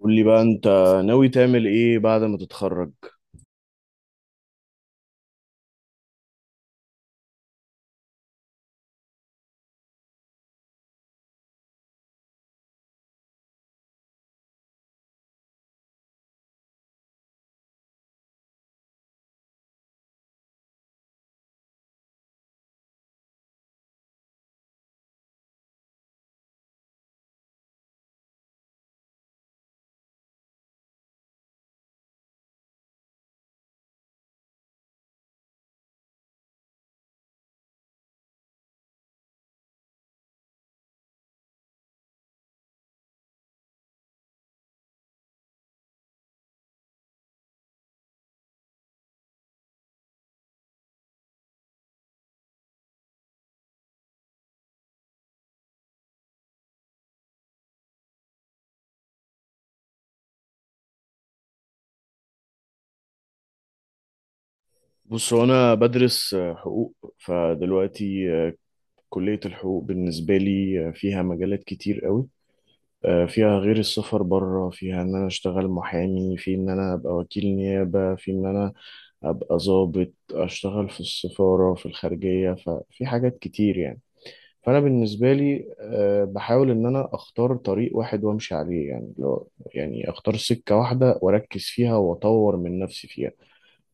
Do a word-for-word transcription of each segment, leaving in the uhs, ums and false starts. قول لي بقى، انت ناوي تعمل ايه بعد ما تتخرج؟ بص، هو انا بدرس آه، حقوق. فدلوقتي، آه، كلية الحقوق بالنسبة لي آه، فيها مجالات كتير قوي. آه، فيها غير السفر بره، فيها ان انا اشتغل محامي، في ان انا ابقى وكيل نيابة، في ان انا ابقى ضابط اشتغل في السفارة في الخارجية. ففي حاجات كتير يعني. فانا بالنسبه لي آه، بحاول ان انا اختار طريق واحد وامشي عليه. يعني لو يعني اختار سكه واحده واركز فيها واطور من نفسي فيها.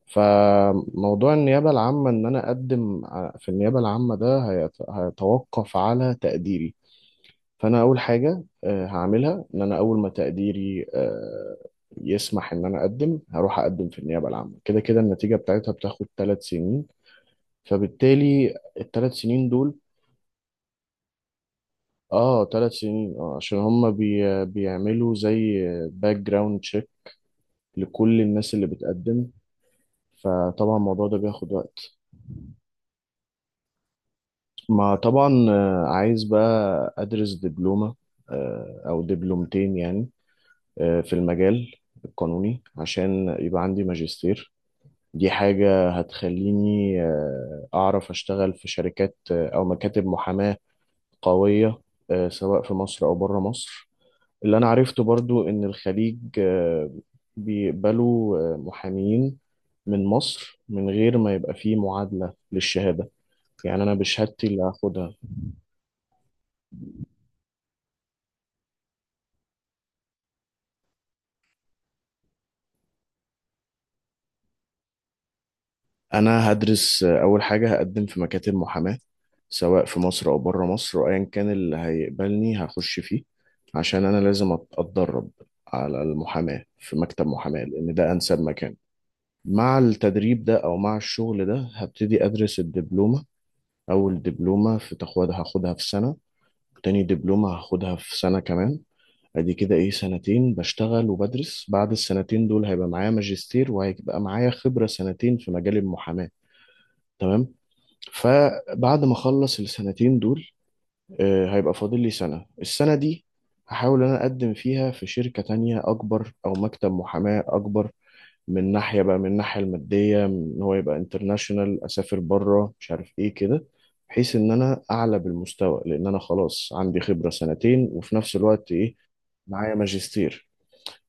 فموضوع النيابه العامه، ان انا اقدم ع- في النيابه العامه، ده هيت- هيتوقف على تقديري. فانا اول حاجه آه، هعملها ان انا، اول ما تقديري آه، يسمح، ان انا اقدم، هروح اقدم في النيابه العامه. كده كده النتيجه بتاعتها بتاخد ثلاث سنين. فبالتالي الثلاث سنين دول. اه، ثلاث سنين، اه، عشان هم بي بيعملوا زي باك جراوند تشيك لكل الناس اللي بتقدم. فطبعا الموضوع ده بياخد وقت. ما طبعا آه، عايز بقى ادرس دبلومة، آه، او دبلومتين يعني، آه، في المجال القانوني، عشان يبقى عندي ماجستير. دي حاجة هتخليني آه، اعرف اشتغل في شركات، آه، او مكاتب محاماة قوية، آه، سواء في مصر او بره مصر. اللي أنا عرفته برضو إن الخليج آه، بيقبلوا آه، محامين من مصر، من غير ما يبقى فيه معادلة للشهادة، يعني أنا بشهادتي اللي هاخدها. أنا هدرس. آه، أول حاجة هقدم في مكاتب محاماة، سواء في مصر أو بره مصر، وأيا كان اللي هيقبلني هخش فيه. عشان أنا لازم أت- أتدرب على المحاماة في مكتب محاماة، لأن ده أنسب مكان. مع التدريب ده أو مع الشغل ده، هبتدي أدرس الدبلومة. أول دبلومة في تاخدها، هاخدها في سنة. تاني دبلومة هاخدها في سنة كمان. ادي كده ايه، سنتين بشتغل وبدرس. بعد السنتين دول هيبقى معايا ماجستير، وهيبقى معايا خبرة سنتين في مجال المحاماة. تمام. فبعد ما اخلص السنتين دول، آه، هيبقى فاضل لي سنة. السنة دي هحاول انا اقدم فيها في شركة تانية اكبر، او مكتب محاماة اكبر. من ناحية بقى، من الناحية المادية، إن هو يبقى انترناشونال، أسافر بره، مش عارف إيه كده. بحيث إن أنا أعلى بالمستوى، لأن أنا خلاص عندي خبرة سنتين، وفي نفس الوقت إيه، معايا ماجستير.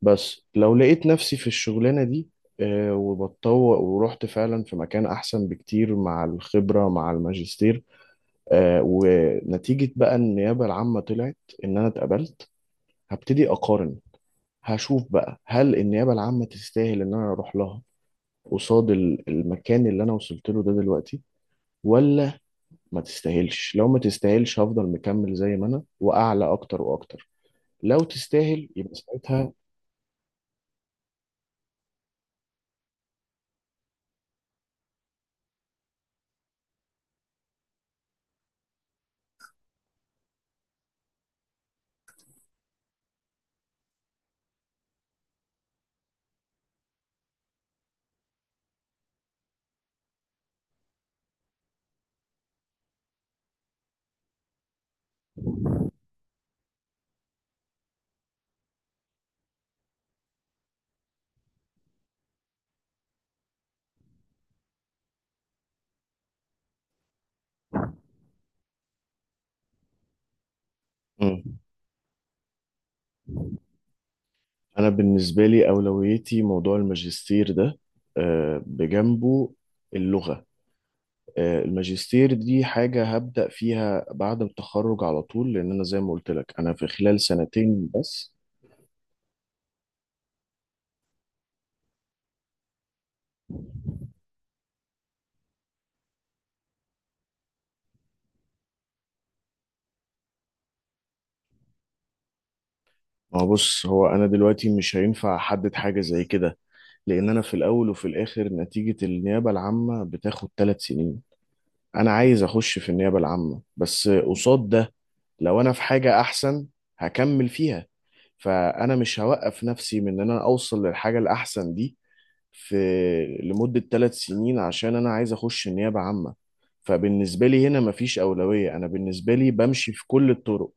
بس لو لقيت نفسي في الشغلانة دي آه، وبتطوق ورحت فعلا في مكان أحسن بكتير مع الخبرة مع الماجستير، آه، ونتيجة بقى النيابة العامة طلعت إن أنا اتقبلت، هبتدي أقارن. هشوف بقى، هل النيابة العامة تستاهل إن أنا أروح لها قصاد ال- المكان اللي انا وصلت له ده دلوقتي، ولا ما تستاهلش؟ لو ما تستاهلش، هفضل مكمل زي ما انا، واعلى اكتر واكتر. لو تستاهل يبقى ساعتها. مم. انا بالنسبه لي اولويتي موضوع الماجستير ده، آه، بجنبه اللغه. آه، الماجستير دي حاجه هبدا فيها بعد التخرج على طول، لان انا زي ما قلت لك، انا في خلال سنتين بس. ما هو، بص، هو انا دلوقتي مش هينفع احدد حاجه زي كده، لان انا في الاول وفي الاخر نتيجة النيابة العامة بتاخد ثلاث سنين. انا عايز اخش في النيابة العامة، بس قصاد ده، لو انا في حاجة احسن، هكمل فيها. فانا مش هوقف نفسي من ان انا اوصل للحاجة الاحسن دي في لمدة ثلاث سنين، عشان انا عايز اخش النيابة عامة. فبالنسبة لي هنا مفيش أولوية. أنا بالنسبة لي بمشي في كل الطرق.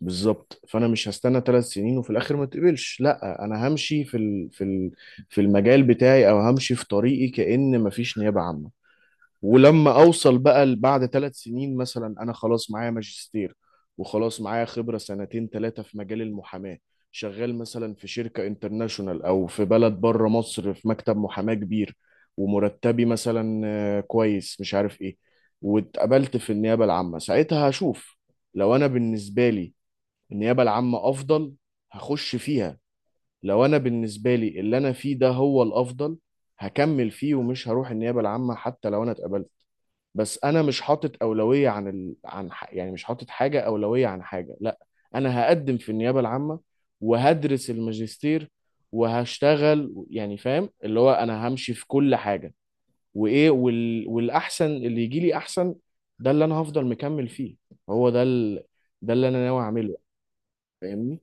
بالظبط، فانا مش هستنى ثلاث سنين وفي الاخر ما تقبلش. لا، انا همشي في ال... في ال... في المجال بتاعي، او همشي في طريقي كأن مفيش نيابة عامة. ولما اوصل بقى ل- بعد ثلاث سنين مثلا، انا خلاص معايا ماجستير، وخلاص معايا خبرة سنتين ثلاثة في مجال المحاماة. شغال مثلا في شركة انترناشونال او في بلد بره مصر، في مكتب محاماة كبير، ومرتبي مثلا آه، كويس، مش عارف ايه. واتقبلت في النيابة العامة، ساعتها هشوف. لو انا بالنسبة لي النيابة العامة أفضل، هخش فيها. لو أنا بالنسبة لي اللي أنا فيه ده هو الأفضل، هكمل فيه ومش هروح النيابة العامة حتى لو أنا اتقبلت. بس أنا مش حاطط أولوية عن ال... عن ح... يعني مش حاطط حاجة أولوية عن حاجة، لا. أنا هقدم في النيابة العامة، وهدرس الماجستير، وهشتغل. يعني فاهم اللي هو، أنا همشي في كل حاجة. وإيه، وال... والأحسن اللي يجي لي أحسن، ده اللي أنا هفضل مكمل فيه. هو ده ال... ده اللي أنا ناوي أعمله. فاهمني؟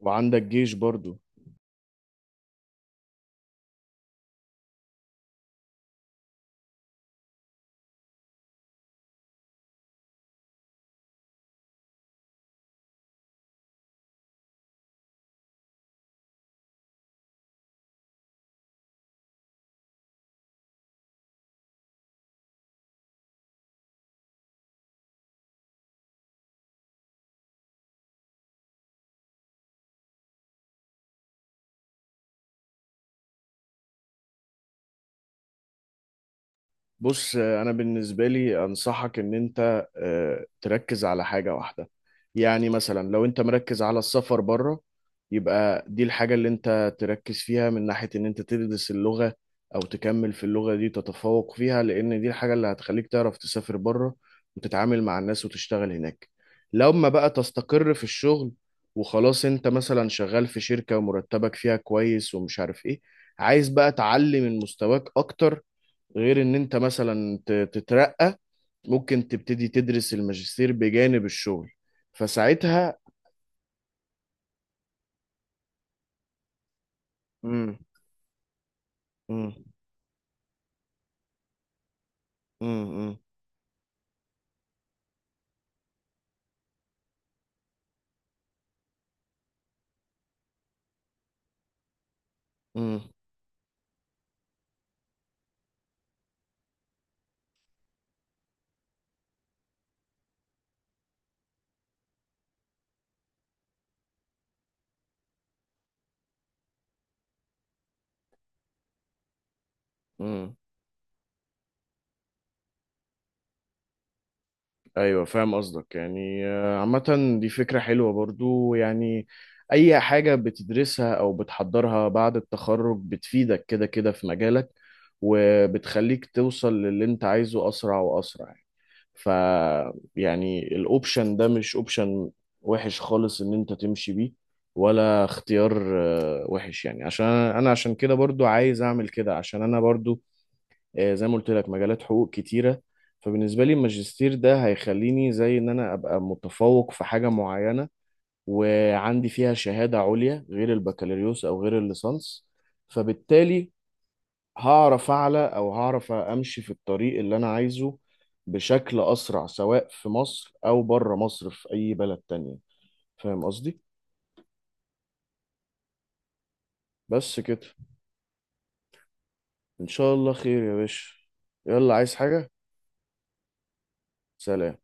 وعندك جيش برضو. بص، انا بالنسبه لي انصحك ان انت آه، تركز على حاجه واحده. يعني مثلا لو انت مركز على السفر بره، يبقى دي الحاجه اللي انت تركز فيها، من ناحيه ان انت تدرس اللغه او تكمل في اللغه دي، تتفوق فيها، لان دي الحاجه اللي هتخليك تعرف تسافر بره، وتتعامل مع الناس وتشتغل هناك. لما بقى تستقر في الشغل، وخلاص انت مثلا شغال في شركه ومرتبك فيها كويس، ومش عارف ايه، عايز بقى تعلي من مستواك اكتر، غير ان انت مثلا ت- تترقى، ممكن تبتدي تدرس الماجستير بجانب الشغل. فساعتها، امم. امم. امم. امم. ايوه، فاهم قصدك. يعني آه، عامة دي فكرة حلوة برضو يعني. اي حاجة بتدرسها او بتحضرها بعد التخرج بتفيدك كده كده في مجالك، وبتخليك توصل للي انت عايزه اسرع واسرع. ف يعني الاوبشن ده مش اوبشن وحش خالص ان انت تمشي بيه، ولا اختيار آه، وحش يعني. عشان انا أنا عشان كده برضو عايز اعمل كده، عشان انا برضو، آه، زي ما قلت لك، مجالات حقوق كتيرة. فبالنسبة لي الماجستير ده هيخليني زي ان انا ابقى متفوق في حاجة معينة، وعندي فيها شهادة عليا غير البكالوريوس او غير الليسانس. فبالتالي هعرف اعلى، او هعرف امشي في الطريق اللي انا عايزه بشكل اسرع، سواء في مصر او بره مصر في اي بلد تانية. فاهم قصدي؟ بس كده. ان شاء الله خير يا باشا. يلا، عايز حاجة؟ سلام.